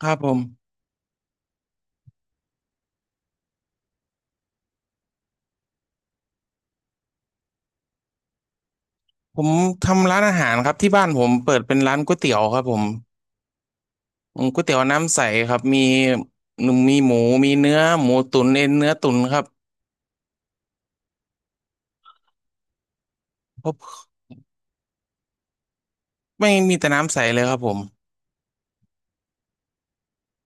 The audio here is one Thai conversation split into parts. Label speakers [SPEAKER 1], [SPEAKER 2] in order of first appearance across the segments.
[SPEAKER 1] ครับผมผมทำร้านอาหารครับที่บ้านผมเปิดเป็นร้านก๋วยเตี๋ยวครับผมอืมก๋วยเตี๋ยวน้ำใสครับมีหนึ่งมีหมูมีเนื้อหมูตุ๋นเอ็นเนื้อตุ๋นครับเพราะไม่มีแต่น้ำใสเลยครับผม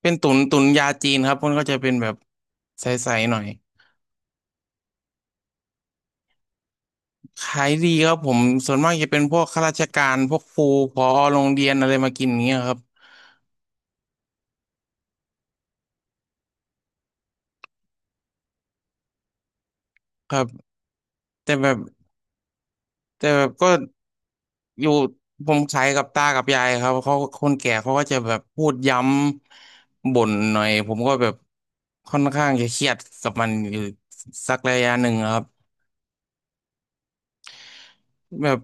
[SPEAKER 1] เป็นตุ๋นตุ๋นยาจีนครับมันก็จะเป็นแบบใสๆหน่อยขายดีครับผมส่วนมากจะเป็นพวกข้าราชการพวกครูผอโรงเรียนอะไรมากินอย่างเงี้ยครับครับแต่แบบแต่แบบก็ อยู่ผมขายกับตากับยายครับเขาคนแก่เขาก็จะแบบพูดย้ำบ่นหน่อยผมก็แบบค่อนข้างจะเครียดกับมันอยู่สักระยะหนึ่งครับแบบ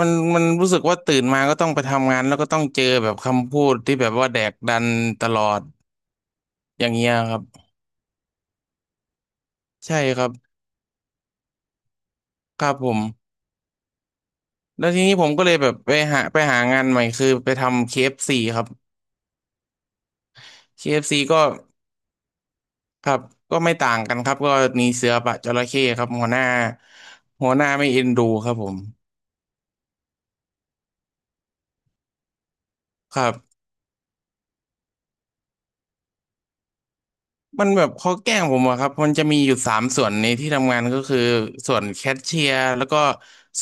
[SPEAKER 1] มันมันรู้สึกว่าตื่นมาก็ต้องไปทำงานแล้วก็ต้องเจอแบบคำพูดที่แบบว่าแดกดันตลอดอย่างเงี้ยครับใช่ครับครับผมแล้วทีนี้ผมก็เลยแบบไปหางานใหม่คือไปทำ KFC คเอฟซีครับเคเอฟซีก็ ครับก็ไม่ต่างกันครับก็มีเสือปะจระเข้ครับหัวหน้าไม่เอ็นดูครับผมครับมันแบบเขาแกล้งผมอะครับมันจะมีอยู่สามส่วนในที่ทำงานก็คือส่วนแคชเชียร์แล้วก็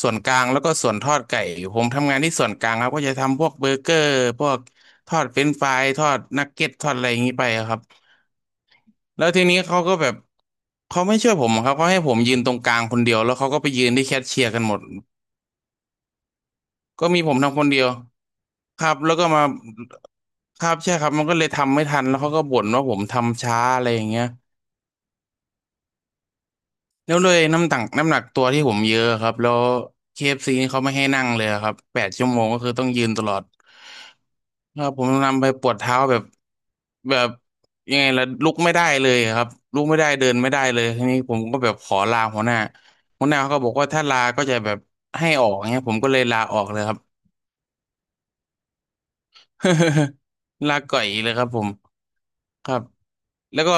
[SPEAKER 1] ส่วนกลางแล้วก็ส่วนทอดไก่ผมทำงานที่ส่วนกลางครับก็จะทำพวกเบอร์เกอร์พวกทอดเฟรนช์ฟรายทอดนักเก็ตทอดอะไรอย่างนี้ไปอะครับแล้วทีนี้เขาก็แบบเขาไม่ช่วยผมอะครับเขาให้ผมยืนตรงกลางคนเดียวแล้วเขาก็ไปยืนที่แคชเชียร์กันหมด ก็มีผมทำคนเดียวครับแล้วก็มาครับใช่ครับมันก็เลยทำไม่ทันแล้วเขาก็บ่นว่าผมทำช้าอะไรอย่างเงี้ยแล้วเลยน้ำหนักตัวที่ผมเยอะครับแล้วเคเอฟ f c นี่เขาไม่ให้นั่งเลยครับแปดชั่วโมงก็คือต้องยืนตลอดครับผมนำไปปวดเท้าแบบแบบยังไงล่ะลุกไม่ได้เลยครับลุกไม่ได้เดินไม่ได้เลยทีนี้ผมก็แบบขอลาหัวหน้าหัวหน้าเขาก็บอกว่าถ้าลาก็จะแบบให้ออกเงี้ยผมก็เลยลาออกเลยครับ ลาก่อยเลยครับผมครับแล้วก็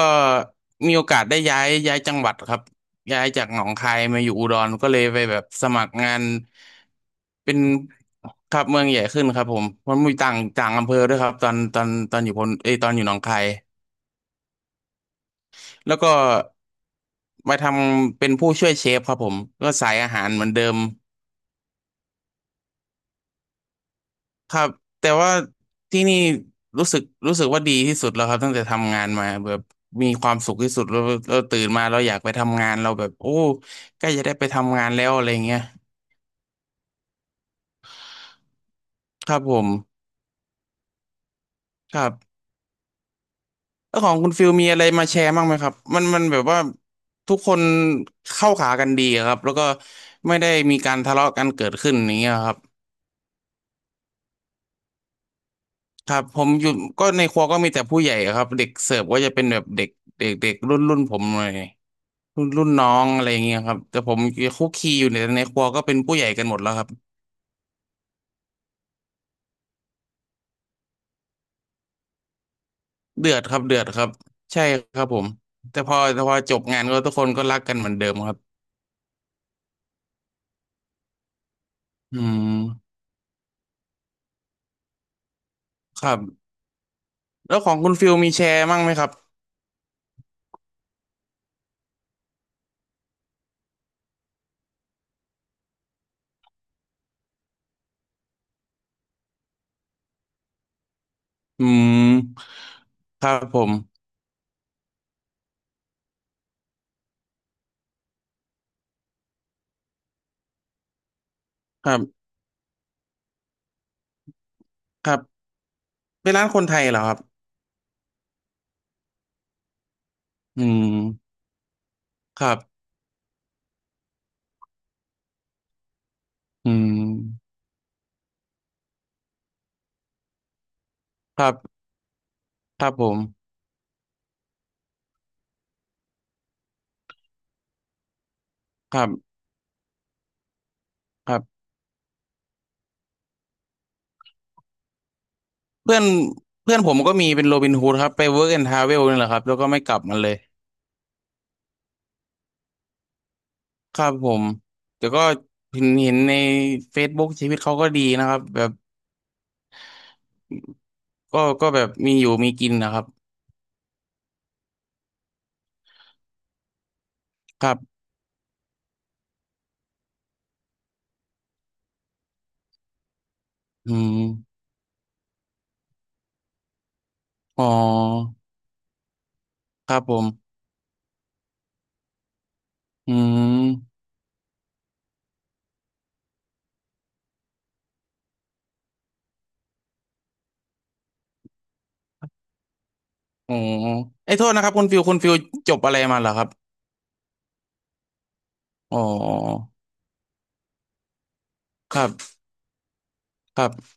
[SPEAKER 1] มีโอกาสได้ย้ายจังหวัดครับย้ายจากหนองคายมาอยู่อุดรก็เลยไปแบบสมัครงานเป็นครับเมืองใหญ่ขึ้นครับผมมันมีต่างต่างอำเภอด้วยครับตอนอยู่พนเอยตอนอยู่หนองคายแล้วก็มาทำเป็นผู้ช่วยเชฟครับผมก็สายอาหารเหมือนเดิม ครับแต่ว่าที่นี่รู้สึกว่าดีที่สุดแล้วครับตั้งแต่ทำงานมาแบบมีความสุขที่สุดแล้วเราตื่นมาเราอยากไปทำงานเราแบบโอ้ใกล้จะได้ไปทำงานแล้วอะไรเงี้ยครับผมครับแล้วของคุณฟิลมีอะไรมาแชร์บ้างไหมครับมันแบบว่าทุกคนเข้าขากันดีอะครับแล้วก็ไม่ได้มีการทะเลาะกันเกิดขึ้นอย่างเงี้ยครับครับผมอยู่ก็ในครัวก็มีแต่ผู้ใหญ่อะครับเด็กเสิร์ฟก็จะเป็นแบบเด็กเด็กเด็กรุ่นรุ่นผมเลย รุ่นรุ่นน้องอะไรอย่างเงี้ยครับแต่ผมคุกคีอยู่ในครัวก็เป็นผู้ใหญ่กันหมดแล้วครับเดือดครับเดือดครับใช่ครับผมแต่พอจบงานก็ทุกคนก็รักกันเหมือนเดิมครับอืมครับแล้วของคุณฟิลมีแชร์มั่งไหมครับอืมครับผมครับครับเป็นร้านคนไทยเหรอครับอืมครับอืมครับครับผมครับครับเพื่อนเพื่อนผมก็มีเป็นโรบินฮูดครับไปเวิร์กแอนด์ทราเวลนี่แหละครับแล้วก็ไม่กลับมาเลย ครับผมแต่ก็เห็นใน Facebook ชีวิตเขาก็ดีนะครับแบบก็แบบมีอยู่มีกินนะครับครับอืมอ๋อครับผมอืมอ๋อไอ้ยโทษนะครับคุณฟิวจบอะไรมาเหรอครับอ๋อครับครับ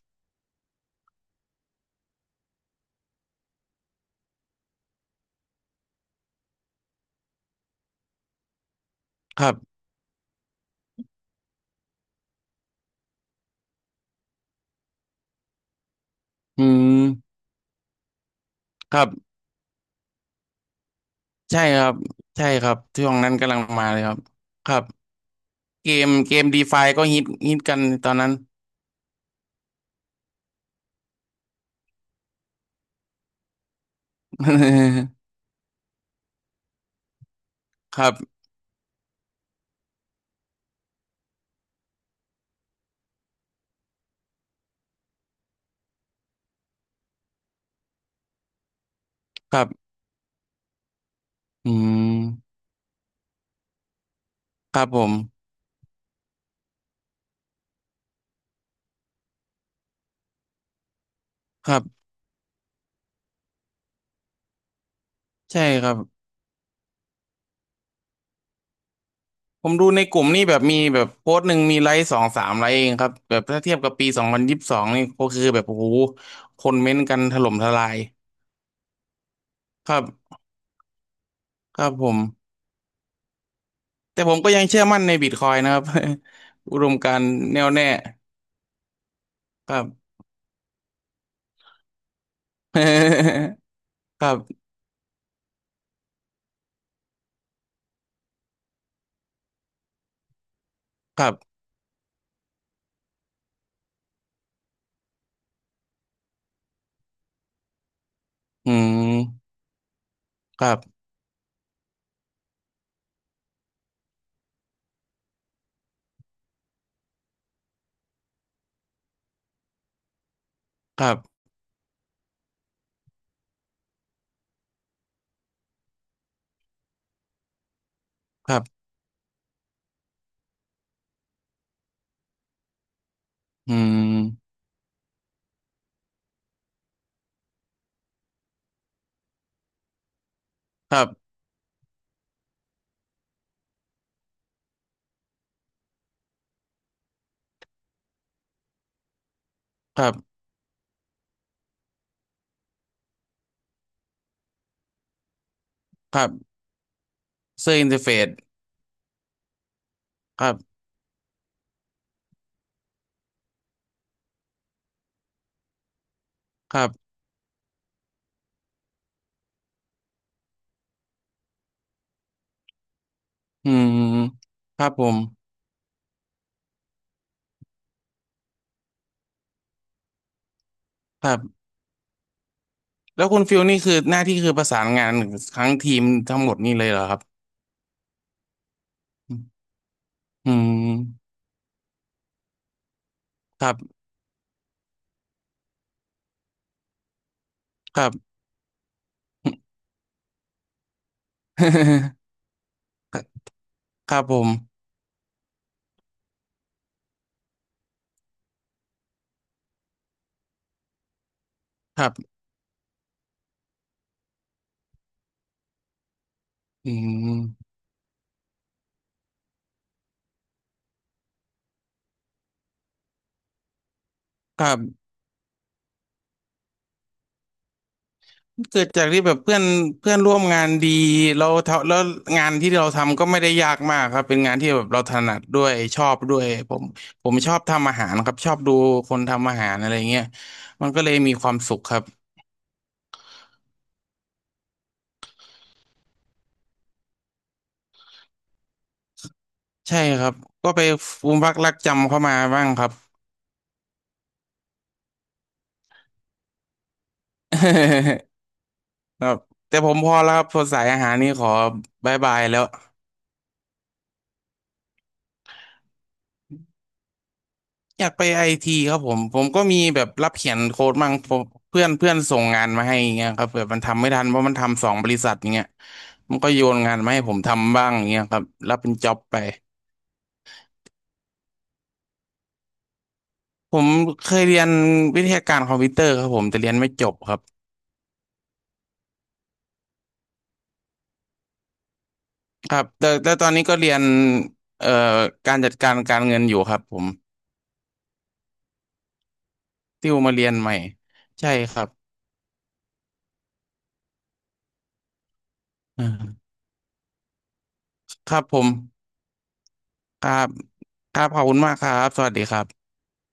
[SPEAKER 1] ครับอืมครับใช่ครับใช่ครับช่วงนั้นกำลังมาเลยครับครับเกมดีฟาก็ฮิตกันตอนนั้น ครับครับอืมครับผมครับ ใช่ครับผมดูในกลุ่มนี่แบบมีแบบโพสต์หนึ่งมีไลค์สองสามไลค์เองครับแบบถ้าเทียบกับปีสองพันยี่สิบสองนี่ก็คือแบบโอ้โหคนเม้นต์กันถล่มทลายครับครับผมแต่ผมก็ยังเชื่อมั่นในบิตคอยน์นะครับ อุดมการณ์แน่วแน่ครับ ครับครับอืมครับครับครับอืมครับครับครับเซอร์อินเทอร์เฟซครับครับอืมครับผมครับ แล้วคุณฟิลนี่คือหน้าที่คือประสานงานทั้งทีมทั้งหมดนี่เลยเหรอครับอืมครับครับ ครับผมครับอืมครับเกิดจากที่แบบเพื่อนเพื่อนร่วมงานดีเราทำแล้วงานที่เราทำก็ไม่ได้ยากมากครับเป็นงานที่แบบเราถนัดด้วยชอบด้วยผมชอบทำอาหารครับชอบดูคนทำอาหารอะไรเงี้ยมันก็เลยมีความสุขครับใช่ครับก็ไปฟูมฟักรักจำเข้ามาบ้างครับ ครับแต่ผมพอแล้วครับพอสายอาหารนี่ขอบายแล้วอยากไปไอทีครับผมผมก็มีแบบรับเขียนโค้ดมั่งผมเพื่อนเพื่อนส่งงานมาให้อย่างเงี้ยครับแบบมันทำไม่ทันเพราะมันทำสองบริษัทอย่างเงี้ยมันก็โยนงานมาให้ผมทำบ้างอย่างเงี้ยครับรับเป็นจ็อบไปผมเคยเรียนวิทยาการคอมพิวเตอร์ครับผมแต่เรียนไม่จบครับครับแต่ตอนนี้ก็เรียนเอ่อการจัดการการเงินอยู่ครับผมติวมาเรียนใหม่ใช่ครับอ่าครับผม ครับครับ ขอบคุณมากครับ สวัสดีครับ